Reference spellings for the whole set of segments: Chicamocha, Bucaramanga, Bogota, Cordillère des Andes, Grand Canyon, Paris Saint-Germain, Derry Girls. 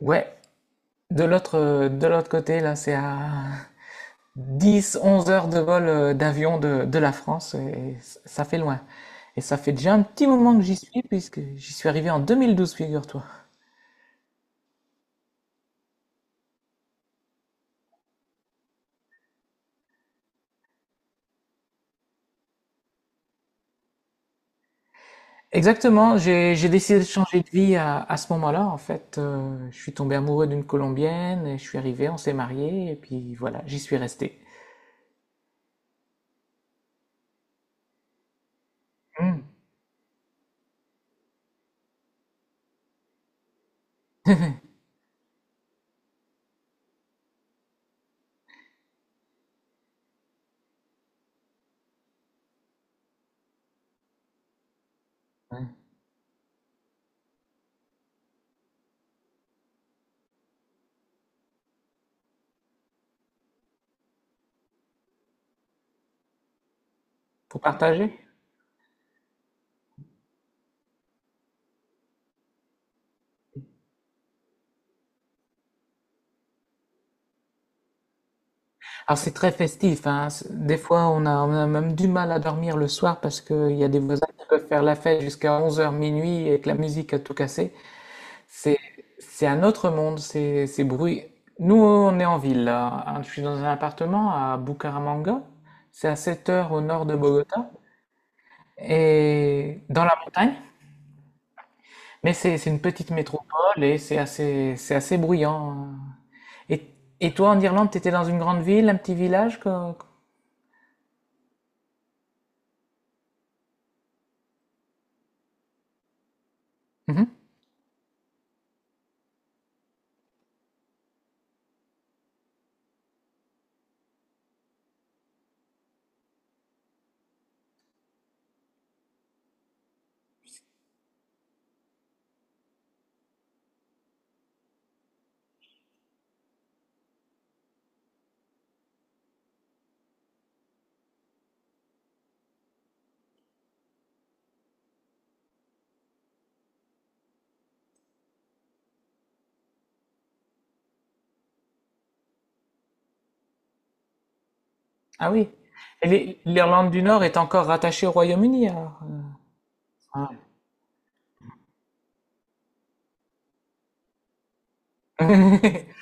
Ouais, de l'autre côté, là, c'est à dix, onze heures de vol d'avion de la France, et ça fait loin. Et ça fait déjà un petit moment que j'y suis, puisque j'y suis arrivé en deux mille douze, figure-toi. Exactement, j'ai décidé de changer de vie à ce moment-là. En fait, je suis tombé amoureux d'une Colombienne, et je suis arrivé, on s'est mariés, et puis voilà, j'y suis resté. Hum, ouais. Pour partager? Alors c'est très festif, hein. Des fois, on a même du mal à dormir le soir parce qu'il y a des voisins qui peuvent faire la fête jusqu'à onze heures minuit et que la musique a tout cassé. C'est, c'est un autre monde, c'est bruit. Nous, on est en ville, là, hein. Je suis dans un appartement à Bucaramanga. C'est à 7 heures au nord de Bogota et dans la montagne. Mais c'est une petite métropole et c'est assez bruyant. Et, et toi, en Irlande, tu étais dans une grande ville, un petit village, quoi? Mhm. Ah oui. Et l'Irlande du Nord est encore rattachée au Royaume-Uni, alors? Ah,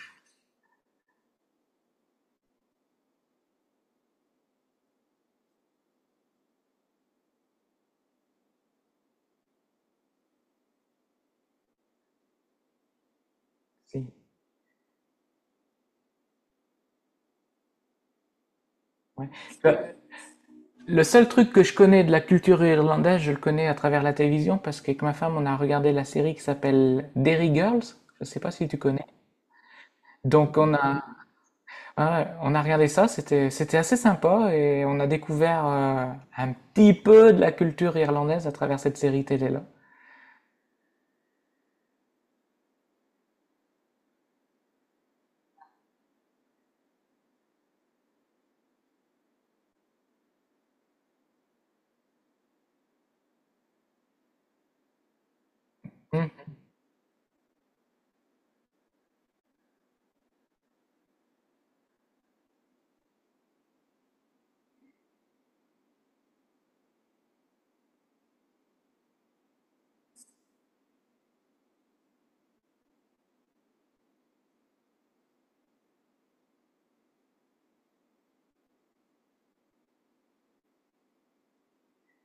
si, ouais. Le, le seul truc que je connais de la culture irlandaise, je le connais à travers la télévision parce qu'avec ma femme, on a regardé la série qui s'appelle Derry Girls. Je sais pas si tu connais. Donc on a, ouais, on a regardé ça, c'était assez sympa et on a découvert un petit peu de la culture irlandaise à travers cette série télé-là. Mm.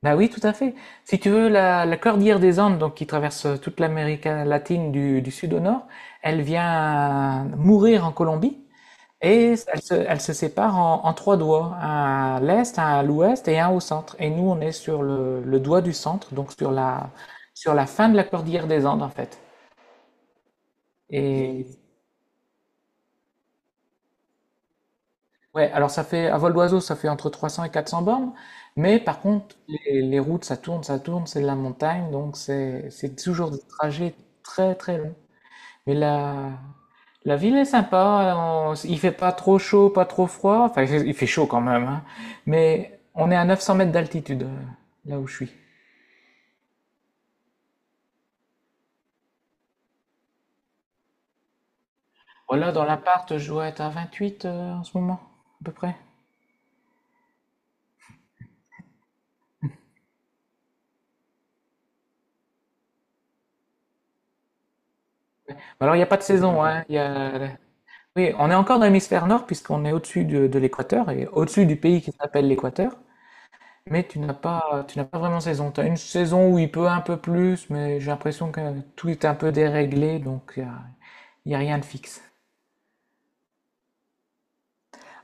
Bah oui, tout à fait. Si tu veux, la cordillère des Andes, donc qui traverse toute l'Amérique latine du sud au nord, elle vient mourir en Colombie et elle se sépare en trois doigts, un à l'est, un à l'ouest et un au centre. Et nous, on est sur le doigt du centre, donc sur la fin de la cordillère des Andes en fait. Et hmm, ouais, alors ça fait, à vol d'oiseau, ça fait entre 300 et 400 bornes, mais par contre, les routes, ça tourne, c'est de la montagne, donc c'est toujours des trajets très très longs. Mais la, la ville est sympa, il fait pas trop chaud, pas trop froid, enfin il fait chaud quand même, hein. Mais on est à 900 mètres d'altitude, là où je suis. Voilà, dans l'appart, je dois être à 28 en ce moment, à peu près. Bah, alors il n'y a pas de saison, hein. Il y a, oui, on est encore dans l'hémisphère nord puisqu'on est au-dessus de l'équateur et au-dessus du pays qui s'appelle l'Équateur. Mais tu n'as pas vraiment saison. Tu as une saison où il peut un peu plus, mais j'ai l'impression que tout est un peu déréglé, donc il y a rien de fixe.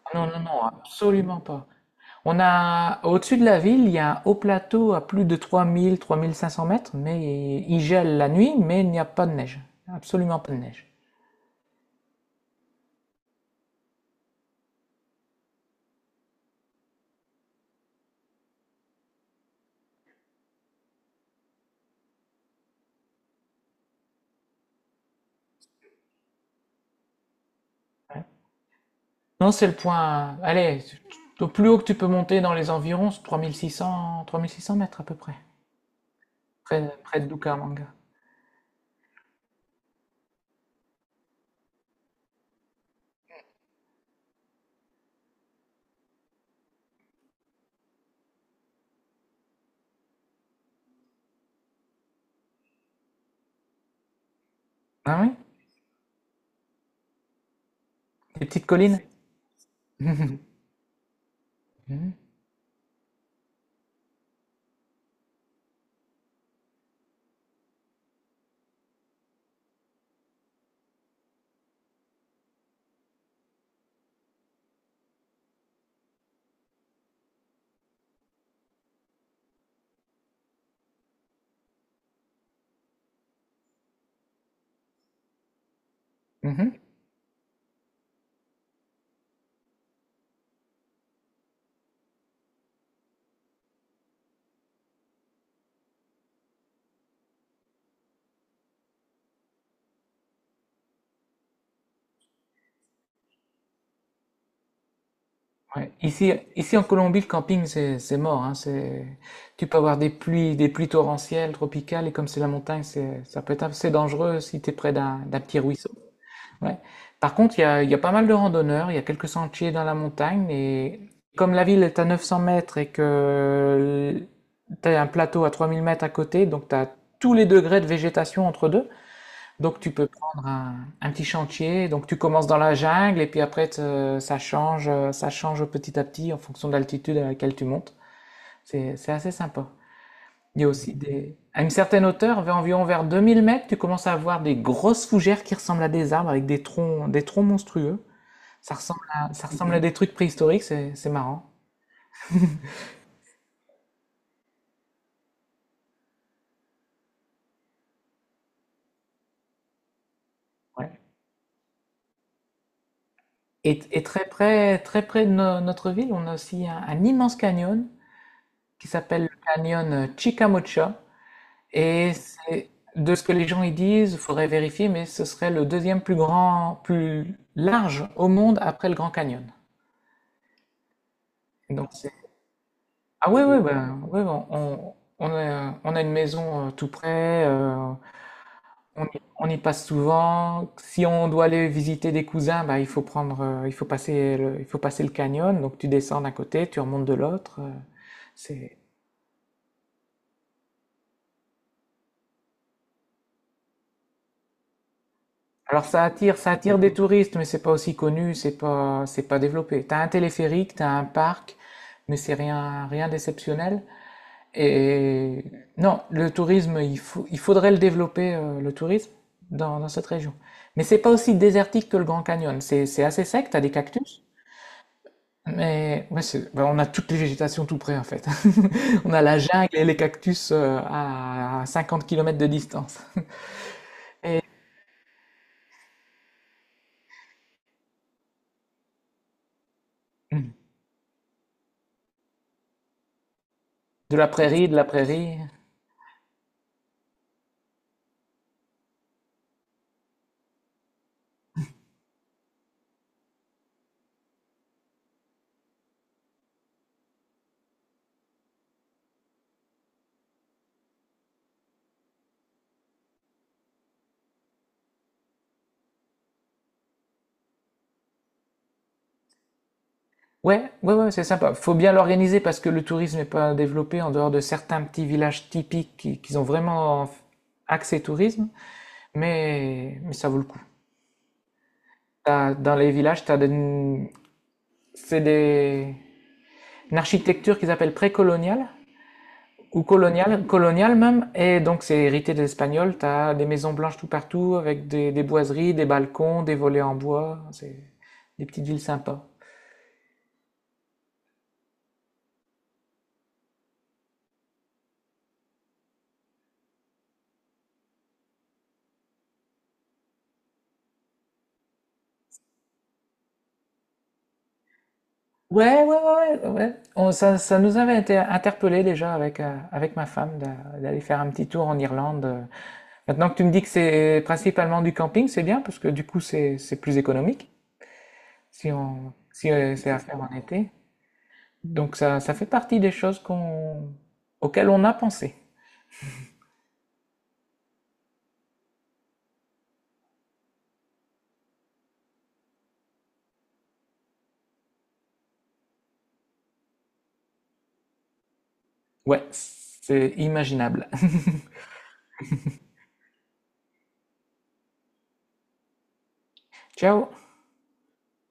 Ah non, non, non, absolument pas. On a, au-dessus de la ville, il y a un haut plateau à plus de trois mille cinq cents mètres, mais il gèle la nuit, mais il n'y a pas de neige. Absolument pas de neige. Non, c'est le point. Allez, au plus haut que tu peux monter dans les environs, c'est trois mille six cents mètres à peu près, près de Bucaramanga. Ah oui? Des petites collines? Mhm. Mhm. Ouais. Ici en Colombie, le camping, c'est mort, hein, tu peux avoir des pluies torrentielles, tropicales, et comme c'est la montagne, c'est ça peut être assez dangereux si tu es près d'un petit ruisseau. Ouais. Par contre, il y a pas mal de randonneurs, il y a quelques sentiers dans la montagne et comme la ville est à 900 mètres et que tu as un plateau à 3000 mètres à côté, donc tu as tous les degrés de végétation entre deux. Donc tu peux prendre un petit chantier, donc tu commences dans la jungle et puis ça change petit à petit en fonction de l'altitude à laquelle tu montes. C'est assez sympa. Il y a aussi des... À une certaine hauteur, vers 2000 mètres, tu commences à avoir des grosses fougères qui ressemblent à des arbres avec des troncs monstrueux. Ça ressemble à des trucs préhistoriques, c'est marrant. Ouais. Et très près de notre ville, on a aussi un immense canyon qui s'appelle le canyon Chicamocha. Et c'est, de ce que les gens y disent, il faudrait vérifier, mais ce serait le deuxième plus grand, plus large au monde après le Grand Canyon. Donc ah oui, oui, ben, on a une maison tout près, on, y on y passe souvent. Si on doit aller visiter des cousins, bah, il faut il faut passer le canyon, donc tu descends d'un côté, tu remontes de l'autre, c'est... Alors ça attire des touristes, mais c'est pas aussi connu, c'est pas développé. T'as un téléphérique, t'as un parc, mais c'est rien, rien d'exceptionnel. Et non, le tourisme, il faudrait le développer, le tourisme, dans cette région. Mais c'est pas aussi désertique que le Grand Canyon. C'est assez sec, t'as des cactus. Mais ouais, ben, on a toutes les végétations tout près, en fait. On a la jungle et les cactus à 50 kilomètres de distance. Mm. De la prairie, de la prairie. Ouais, ouais, ouais, c'est sympa. Faut bien l'organiser parce que le tourisme n'est pas développé en dehors de certains petits villages typiques qui ont vraiment axé tourisme. Mais ça vaut le coup. Dans les villages, c'est des, une architecture qu'ils appellent précoloniale ou coloniale, coloniale même, et donc c'est hérité des Espagnols. T'as des maisons blanches tout partout avec des boiseries, des balcons, des volets en bois. C'est des petites villes sympas. Ouais, ouais, ouais, ouais, ouais. Ça nous avait été interpellé déjà avec ma femme d'aller faire un petit tour en Irlande, euh. Maintenant que tu me dis que c'est principalement du camping, c'est bien parce que du coup c'est plus économique. Si c'est à faire en été. Donc ça fait partie des choses auxquelles on a pensé. Ouais, c'est imaginable. Ciao!